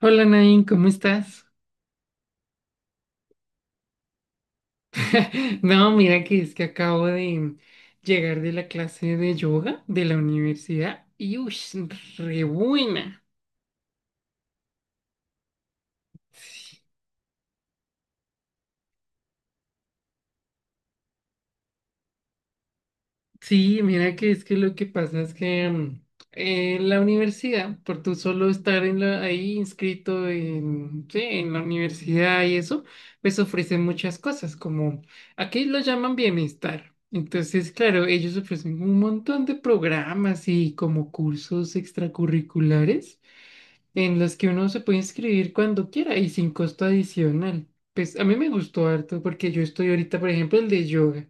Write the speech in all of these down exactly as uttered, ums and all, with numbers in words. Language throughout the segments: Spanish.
Hola Nain, ¿cómo estás? No, mira que es que acabo de llegar de la clase de yoga de la universidad y uy, re buena. Sí, mira que es que lo que pasa es que mm, en la universidad, por tú solo estar en la- ahí inscrito en, sí, en la universidad y eso, pues ofrecen muchas cosas, como aquí lo llaman bienestar. Entonces, claro, ellos ofrecen un montón de programas y como cursos extracurriculares en los que uno se puede inscribir cuando quiera y sin costo adicional. Pues a mí me gustó harto porque yo estoy ahorita, por ejemplo, el de yoga.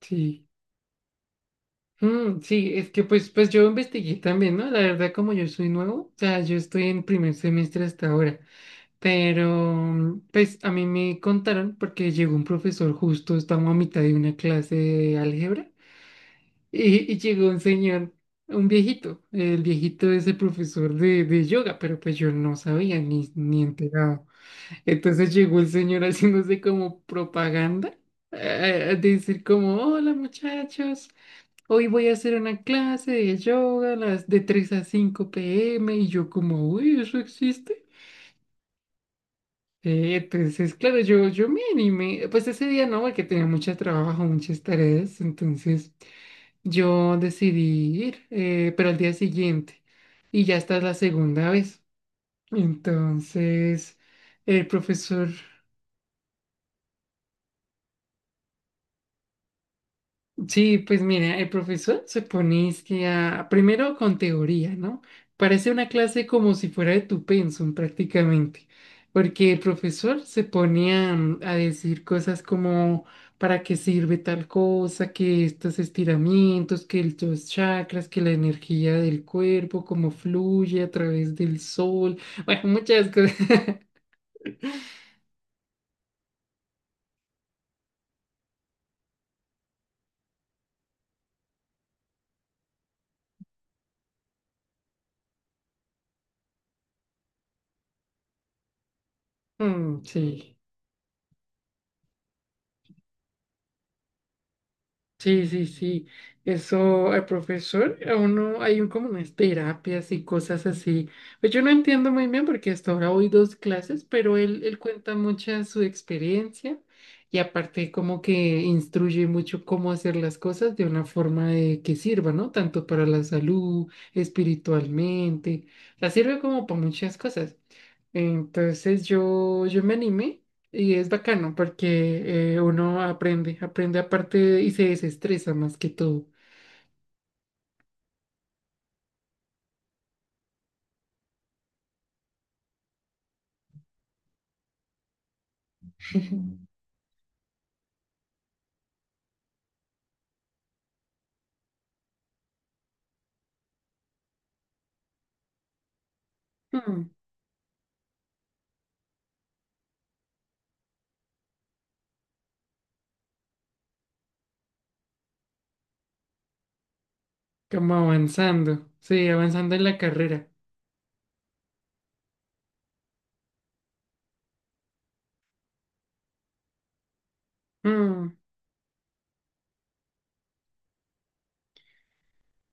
Sí. Mm, sí, es que pues, pues yo investigué también, ¿no? La verdad, como yo soy nuevo, o sea, yo estoy en primer semestre hasta ahora, pero pues a mí me contaron porque llegó un profesor justo, estamos a mitad de una clase de álgebra y, y llegó un señor, un viejito, el viejito es el profesor de, de yoga, pero pues yo no sabía ni, ni enterado. Entonces llegó el señor haciéndose como propaganda, eh, a decir como, hola muchachos. Hoy voy a hacer una clase de yoga a las de tres a cinco p m y yo como, uy, ¿eso existe? Eh, entonces, claro, yo, yo me animé, pues ese día no, porque tenía mucho trabajo, muchas tareas, entonces yo decidí ir, eh, pero al día siguiente, y ya esta es la segunda vez. Entonces, el profesor. Sí, pues mira, el profesor se pone es que a- primero con teoría, ¿no? Parece una clase como si fuera de tu pensum prácticamente, porque el profesor se pone a, mm, a decir cosas como para qué sirve tal cosa, que estos estiramientos, que el- los chakras, que la energía del cuerpo, cómo fluye a través del sol, bueno, muchas cosas. Mm, sí. Sí, sí, sí. Eso, el profesor, a uno hay un, como unas terapias y cosas así. Pues yo no entiendo muy bien porque hasta ahora voy dos clases, pero él, él cuenta mucha su experiencia y aparte como que instruye mucho cómo hacer las cosas de una forma de que sirva, ¿no? Tanto para la salud, espiritualmente. La sirve como para muchas cosas. Entonces yo, yo me animé y es bacano porque eh, uno aprende, aprende aparte de- y se desestresa más que todo. Mm, como avanzando, sí, avanzando en la carrera. Mm.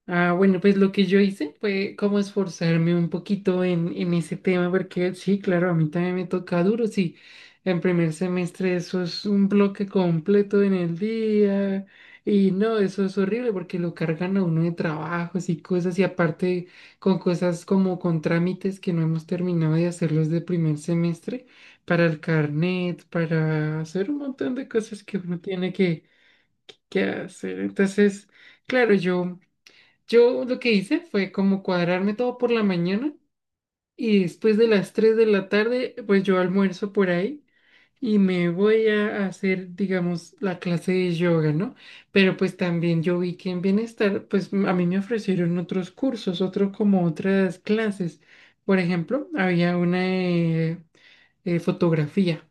Ah, bueno, pues lo que yo hice fue como esforzarme un poquito en, en ese tema, porque sí, claro, a mí también me toca duro, sí. En primer semestre eso es un bloque completo en el día y no, eso es horrible porque lo cargan a uno de trabajos y cosas y aparte con cosas como con trámites que no hemos terminado de hacerlos de primer semestre para el carnet, para hacer un montón de cosas que uno tiene que, que hacer. Entonces, claro, yo... Yo lo que hice fue como cuadrarme todo por la mañana y después de las tres de la tarde, pues yo almuerzo por ahí y me voy a hacer, digamos, la clase de yoga, ¿no? Pero pues también yo vi que en Bienestar, pues m- a mí me ofrecieron otros cursos, otro como otras clases. Por ejemplo, había una de, de fotografía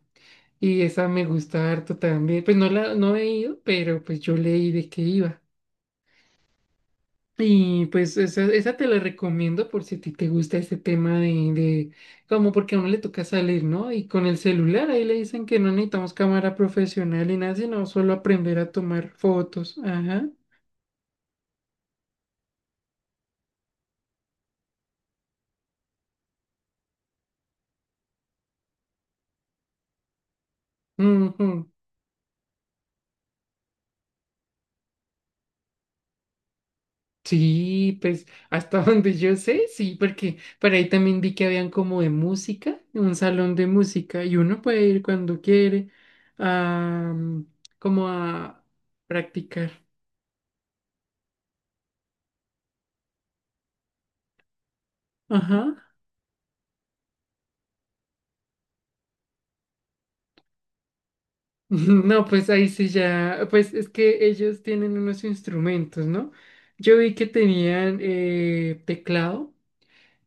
y esa me gusta harto también. Pues no la, no he ido, pero pues yo leí de qué iba. Y pues esa, esa te la recomiendo por si a ti te gusta ese tema de, de como porque a uno le toca salir, ¿no? Y con el celular ahí le dicen que no necesitamos cámara profesional y nada, sino solo aprender a tomar fotos. Ajá. Ujú. Sí, pues hasta donde yo sé, sí, porque por ahí también vi que habían como de música, un salón de música, y uno puede ir cuando quiere a, mm, como a practicar. Ajá. No, pues ahí sí ya, pues es que ellos tienen unos instrumentos, ¿no? Yo vi que tenían eh, teclado,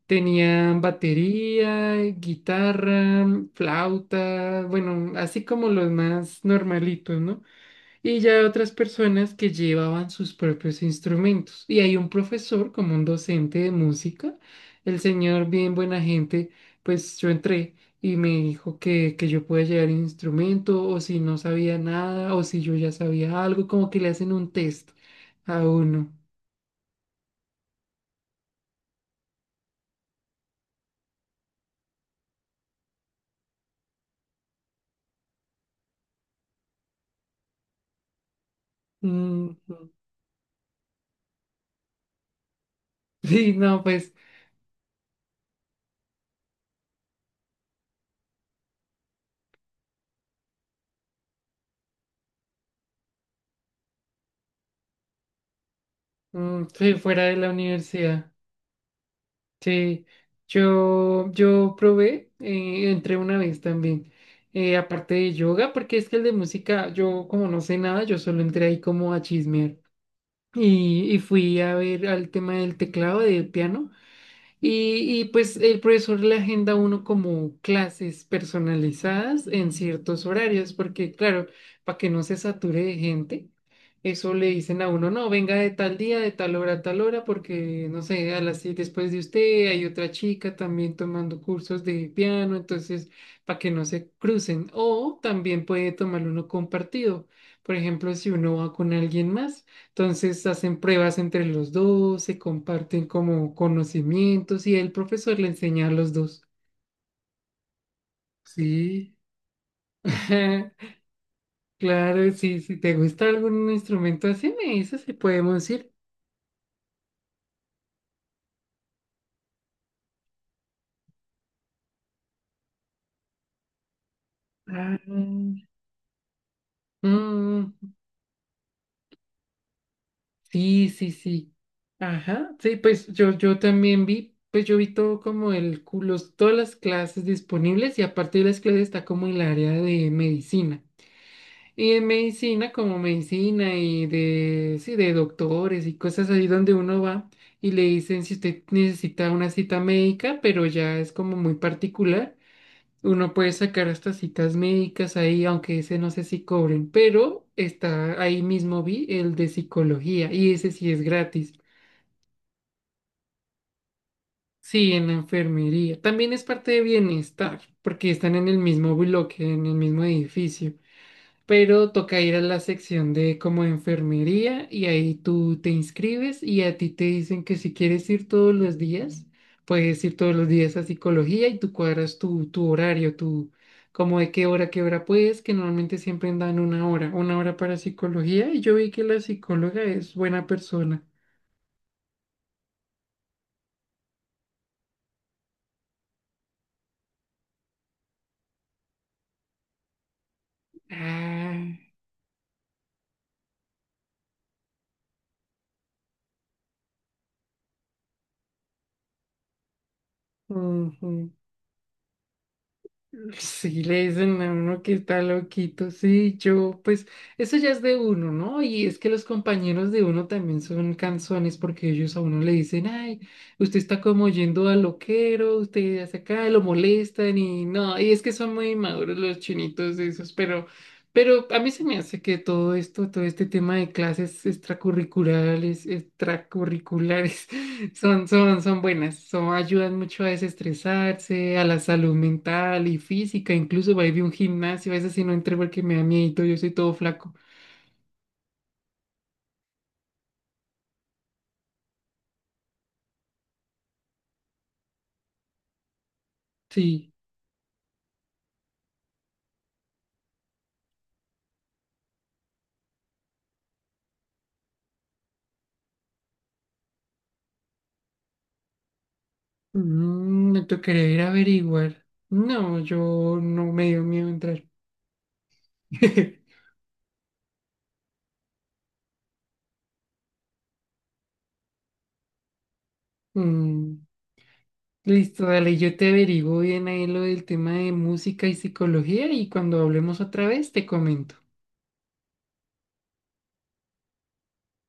tenían batería, guitarra, flauta, bueno, así como los más normalitos, ¿no? Y ya hay otras personas que llevaban sus propios instrumentos. Y hay un profesor, como un docente de música, el señor bien buena gente, pues yo entré y me dijo que, que yo podía llevar el instrumento o si no sabía nada o si yo ya sabía algo, como que le hacen un test a uno. Mm, sí, no, pues mm, sí, fuera de la universidad. Sí, yo, yo probé, eh, entré una vez también, eh, aparte de yoga, porque es que el de música, yo como no sé nada, yo solo entré ahí como a chismear y, y fui a ver al tema del teclado, del piano. Y, y, pues el profesor le agenda a uno como clases personalizadas en ciertos horarios, porque claro, para que no se sature de gente, eso le dicen a uno, no, venga de tal día, de tal hora a tal hora, porque no sé, a las siete después de usted hay otra chica también tomando cursos de piano, entonces para que no se crucen. O también puede tomar uno compartido, por ejemplo, si uno va con alguien más. Entonces hacen pruebas entre los dos, se comparten como conocimientos y el profesor le enseña a los dos. Sí, claro, sí, si te gusta algún instrumento así, me dices si podemos ir. Ah, mm, sí, sí, sí. Ajá, sí, pues yo, yo también vi, pues yo vi todo como el, cu- los- todas las clases disponibles y aparte de las clases está como el área de medicina. Y en medicina, como medicina y de, sí, de doctores y cosas así donde uno va y le dicen si usted necesita una cita médica, pero ya es como muy particular, uno puede sacar estas citas médicas ahí, aunque ese no sé si cobren, pero está ahí mismo vi el de psicología y ese sí es gratis. Sí, en la enfermería. También es parte de bienestar, porque están en el mismo bloque, en el mismo edificio. Pero toca ir a la sección de como enfermería y ahí tú te inscribes y a ti te dicen que si quieres ir todos los días, puedes ir todos los días a psicología y tú cuadras tu, tu horario, tu, como de qué hora, qué hora puedes, que normalmente siempre dan una hora, una hora para psicología y yo vi que la psicóloga es buena persona. Ah, ujú. Sí, le dicen a uno que está loquito, sí, yo, pues eso ya es de uno, ¿no? Y es que los compañeros de uno también son canzones porque ellos a uno le dicen, ay, usted está como yendo al loquero, usted hace acá, lo molestan y no, y es que son muy maduros los chinitos esos, pero, pero a mí se me hace que todo esto, todo este tema de clases extracurriculares, extracurriculares. Son, son, son buenas, son, ayudan mucho a desestresarse, a la salud mental y física, incluso va a ir a un gimnasio, a veces si no entro porque me da miedo, yo soy todo flaco. Sí, mm, me tocaría ir a averiguar. No, yo no me dio miedo entrar. Mm, listo, dale, yo te averiguo bien ahí lo del tema de música y psicología y cuando hablemos otra vez te comento.